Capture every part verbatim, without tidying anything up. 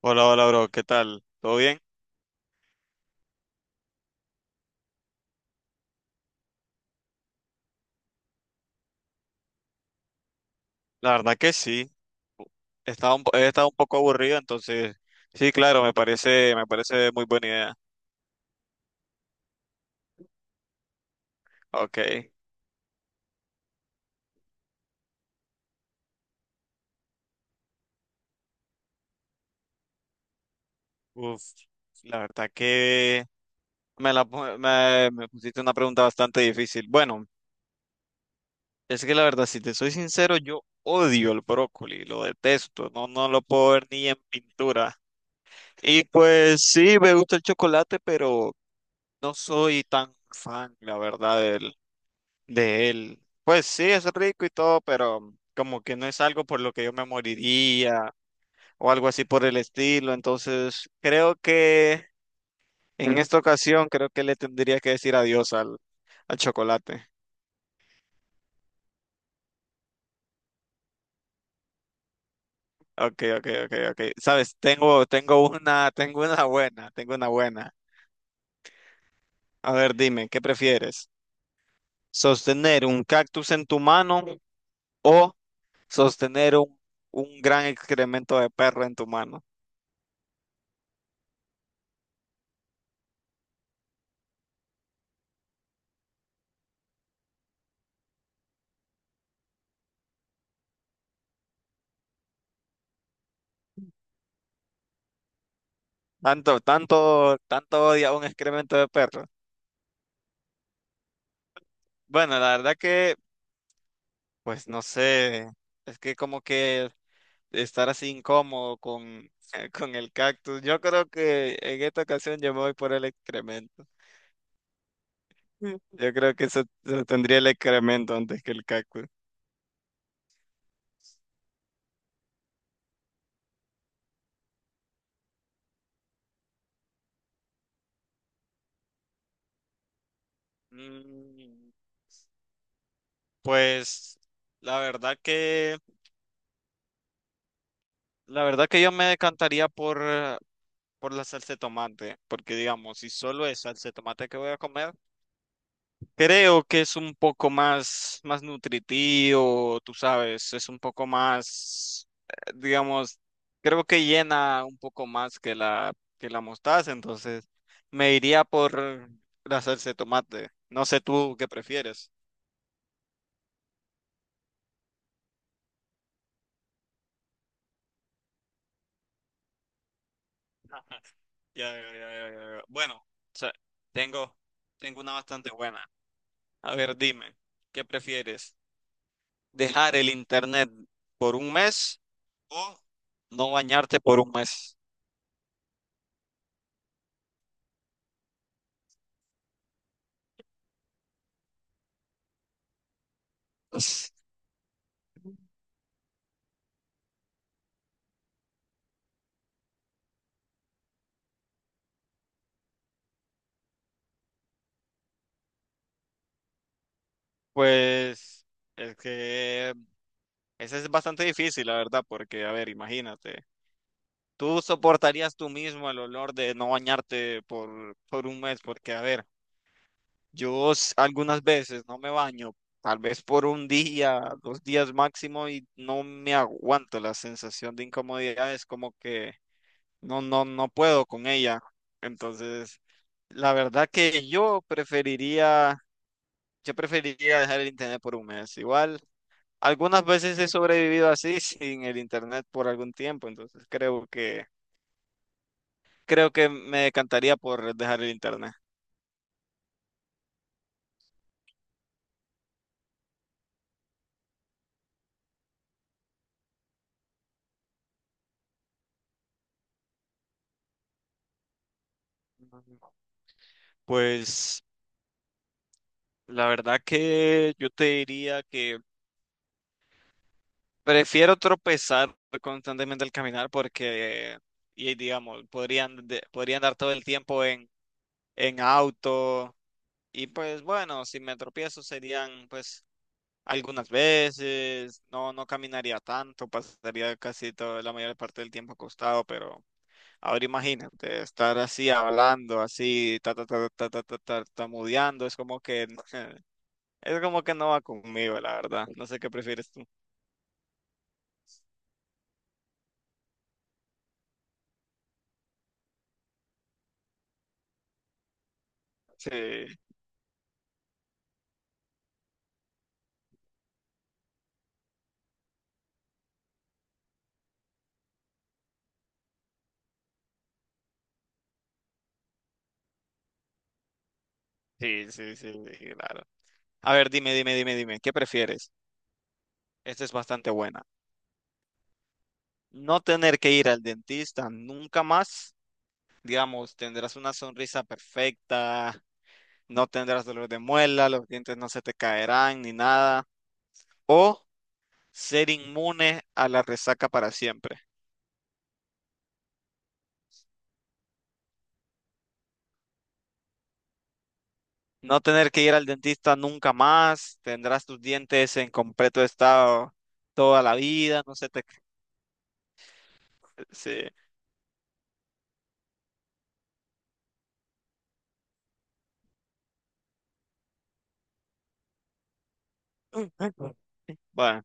Hola, hola, bro, ¿qué tal? ¿Todo bien? La verdad que sí, estaba un, po- he estado un poco aburrido, entonces sí, claro, me parece, me parece muy buena idea. Ok, uf, la verdad que me, la, pu- me, me pusiste una pregunta bastante difícil. Bueno, es que la verdad, si te soy sincero, yo odio el brócoli, lo detesto, no, no lo puedo ver ni en pintura. Y pues sí, me gusta el chocolate, pero no soy tan fan, la verdad, de él. Pues sí, es rico y todo, pero como que no es algo por lo que yo me moriría o algo así por el estilo. Entonces, creo que en esta ocasión, creo que le tendría que decir adiós al, al chocolate. Ok, ok, ok, ok. Sabes, tengo, tengo una, tengo una buena, tengo una buena. A ver, dime, ¿qué prefieres? ¿Sostener un cactus en tu mano o sostener un, un gran excremento de perro en tu mano? Tanto, tanto, tanto odia un excremento de perro. Bueno, la verdad que, pues no sé, es que como que estar así incómodo con, con el cactus. Yo creo que en esta ocasión yo me voy por el excremento. Mm. Yo creo que eso, eso tendría el excremento antes que el cactus. Mm, Pues la verdad que, la verdad que yo me decantaría por, eh, por la salsa de tomate, porque digamos, si solo es salsa de tomate que voy a comer. Creo que es un poco más, más nutritivo, tú sabes, es un poco más, eh, digamos, creo que llena un poco más que la, que la mostaza, entonces me iría por la salsa de tomate. No sé tú qué prefieres. Ya, ya, ya, ya, ya, ya. Bueno, o sea, tengo, tengo una bastante buena. A ver, dime, ¿qué prefieres? ¿Dejar el internet por un mes o no bañarte por un mes? Pues es que ese es bastante difícil, la verdad, porque, a ver, imagínate, tú soportarías tú mismo el olor de no bañarte por, por un mes, porque, a ver, yo s- algunas veces no me baño, tal vez por un día, dos días máximo, y no me aguanto la sensación de incomodidad, es como que no, no, no puedo con ella. Entonces, la verdad que yo preferiría, yo preferiría dejar el internet por un mes, igual. Algunas veces he sobrevivido así sin el internet por algún tiempo, entonces creo que creo que me decantaría por dejar el internet. Ujú. Pues la verdad que yo te diría que prefiero tropezar constantemente al caminar porque y digamos, podrían de- podría andar todo el tiempo en en auto y pues bueno, si me tropiezo serían pues algunas veces, no, no caminaría tanto, pasaría casi toda la mayor parte del tiempo acostado, pero ahora imagínate, estar así hablando, así, ta, ta, ta, ta, ta, ta, tartamudeando, es como que, es como que no va conmigo, la verdad. No sé qué prefieres tú. Sí, sí, sí, sí, sí, claro. A ver, dime, dime, dime, dime, ¿qué prefieres? Esta es bastante buena. No tener que ir al dentista nunca más, digamos, tendrás una sonrisa perfecta, no tendrás dolor de muela, los dientes no se te caerán ni nada. O ser inmune a la resaca para siempre. No tener que ir al dentista nunca más, tendrás tus dientes en completo estado toda la vida, no se te... Sí. Bueno,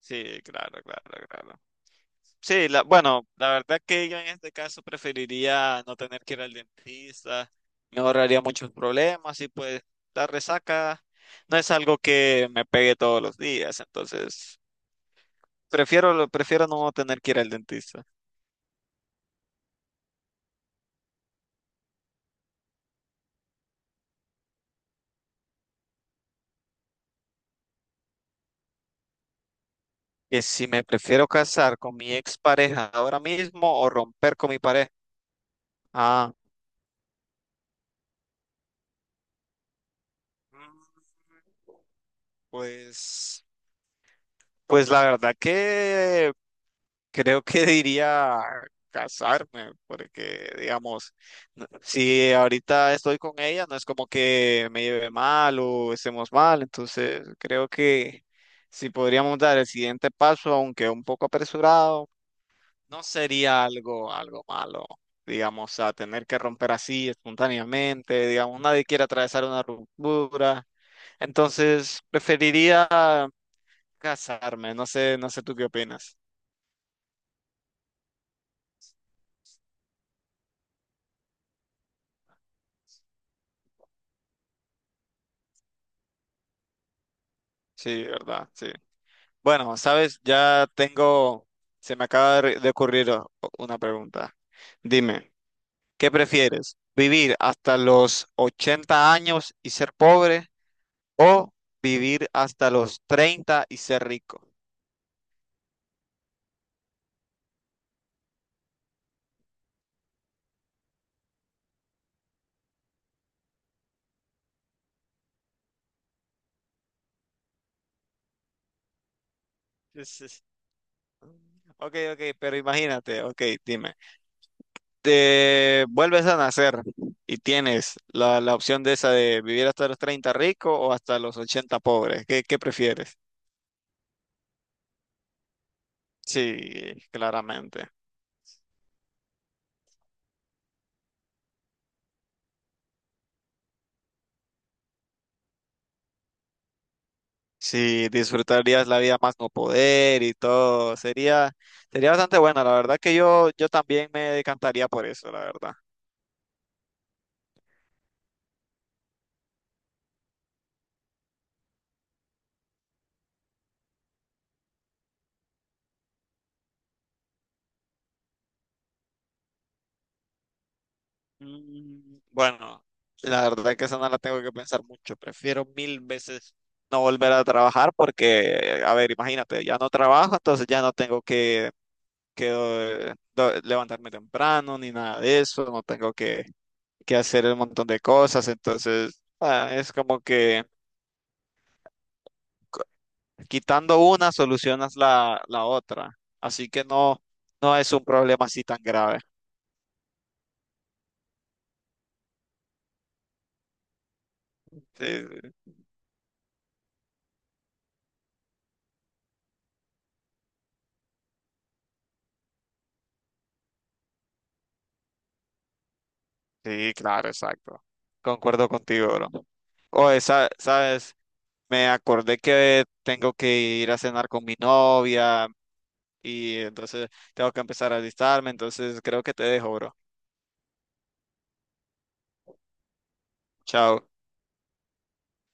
sí, claro, claro, claro. Sí, la, bueno, la verdad que yo en este caso preferiría no tener que ir al dentista, me ahorraría muchos problemas y pues la resaca no es algo que me pegue todos los días, entonces prefiero, lo- prefiero no tener que ir al dentista. Que si me prefiero casar con mi expareja ahora mismo o romper con mi pareja. Ah, mm, pues, pues la verdad que creo que diría casarme, porque digamos, n- si ahorita estoy con ella, no es como que me lleve mal o estemos mal, entonces creo que si podríamos dar el siguiente paso, aunque un poco apresurado, no sería algo, algo malo, digamos, a tener que romper así espontáneamente, digamos, nadie quiere atravesar una ruptura, entonces preferiría casarme, no sé, no sé tú qué opinas. Sí, verdad, sí. Bueno, sabes, ya tengo, se me acaba de de ocurrir o- una pregunta. Dime, ¿qué prefieres? ¿Vivir hasta los ochenta años y ser pobre o vivir hasta los treinta y ser rico? Es- es- Ok, ok, pero imagínate, ok, dime, te vuelves a nacer y tienes la, la opción de esa de vivir hasta los treinta rico o hasta los ochenta pobre. ¿Qué, qué prefieres? Sí, claramente. Sí, disfrutarías la vida más no poder y todo. Sería, sería bastante buena. La verdad que yo, yo también me decantaría por eso, la verdad. Mm, bueno, la verdad que esa no la tengo que pensar mucho. Prefiero mil veces no volver a trabajar porque, a ver, imagínate, ya no trabajo, entonces ya no tengo que, que eh, do- levantarme temprano ni nada de eso. No tengo que, que hacer un montón de cosas. Entonces, ah, es como que. Quitando una, solucionas la, la otra. Así que no, no es un problema así tan grave. Sí, sí, claro, exacto. Concuerdo contigo, bro. Oye, sa- sabes, me acordé que tengo que ir a cenar con mi novia y entonces tengo que empezar a alistarme, entonces creo que te dejo, bro. Chao.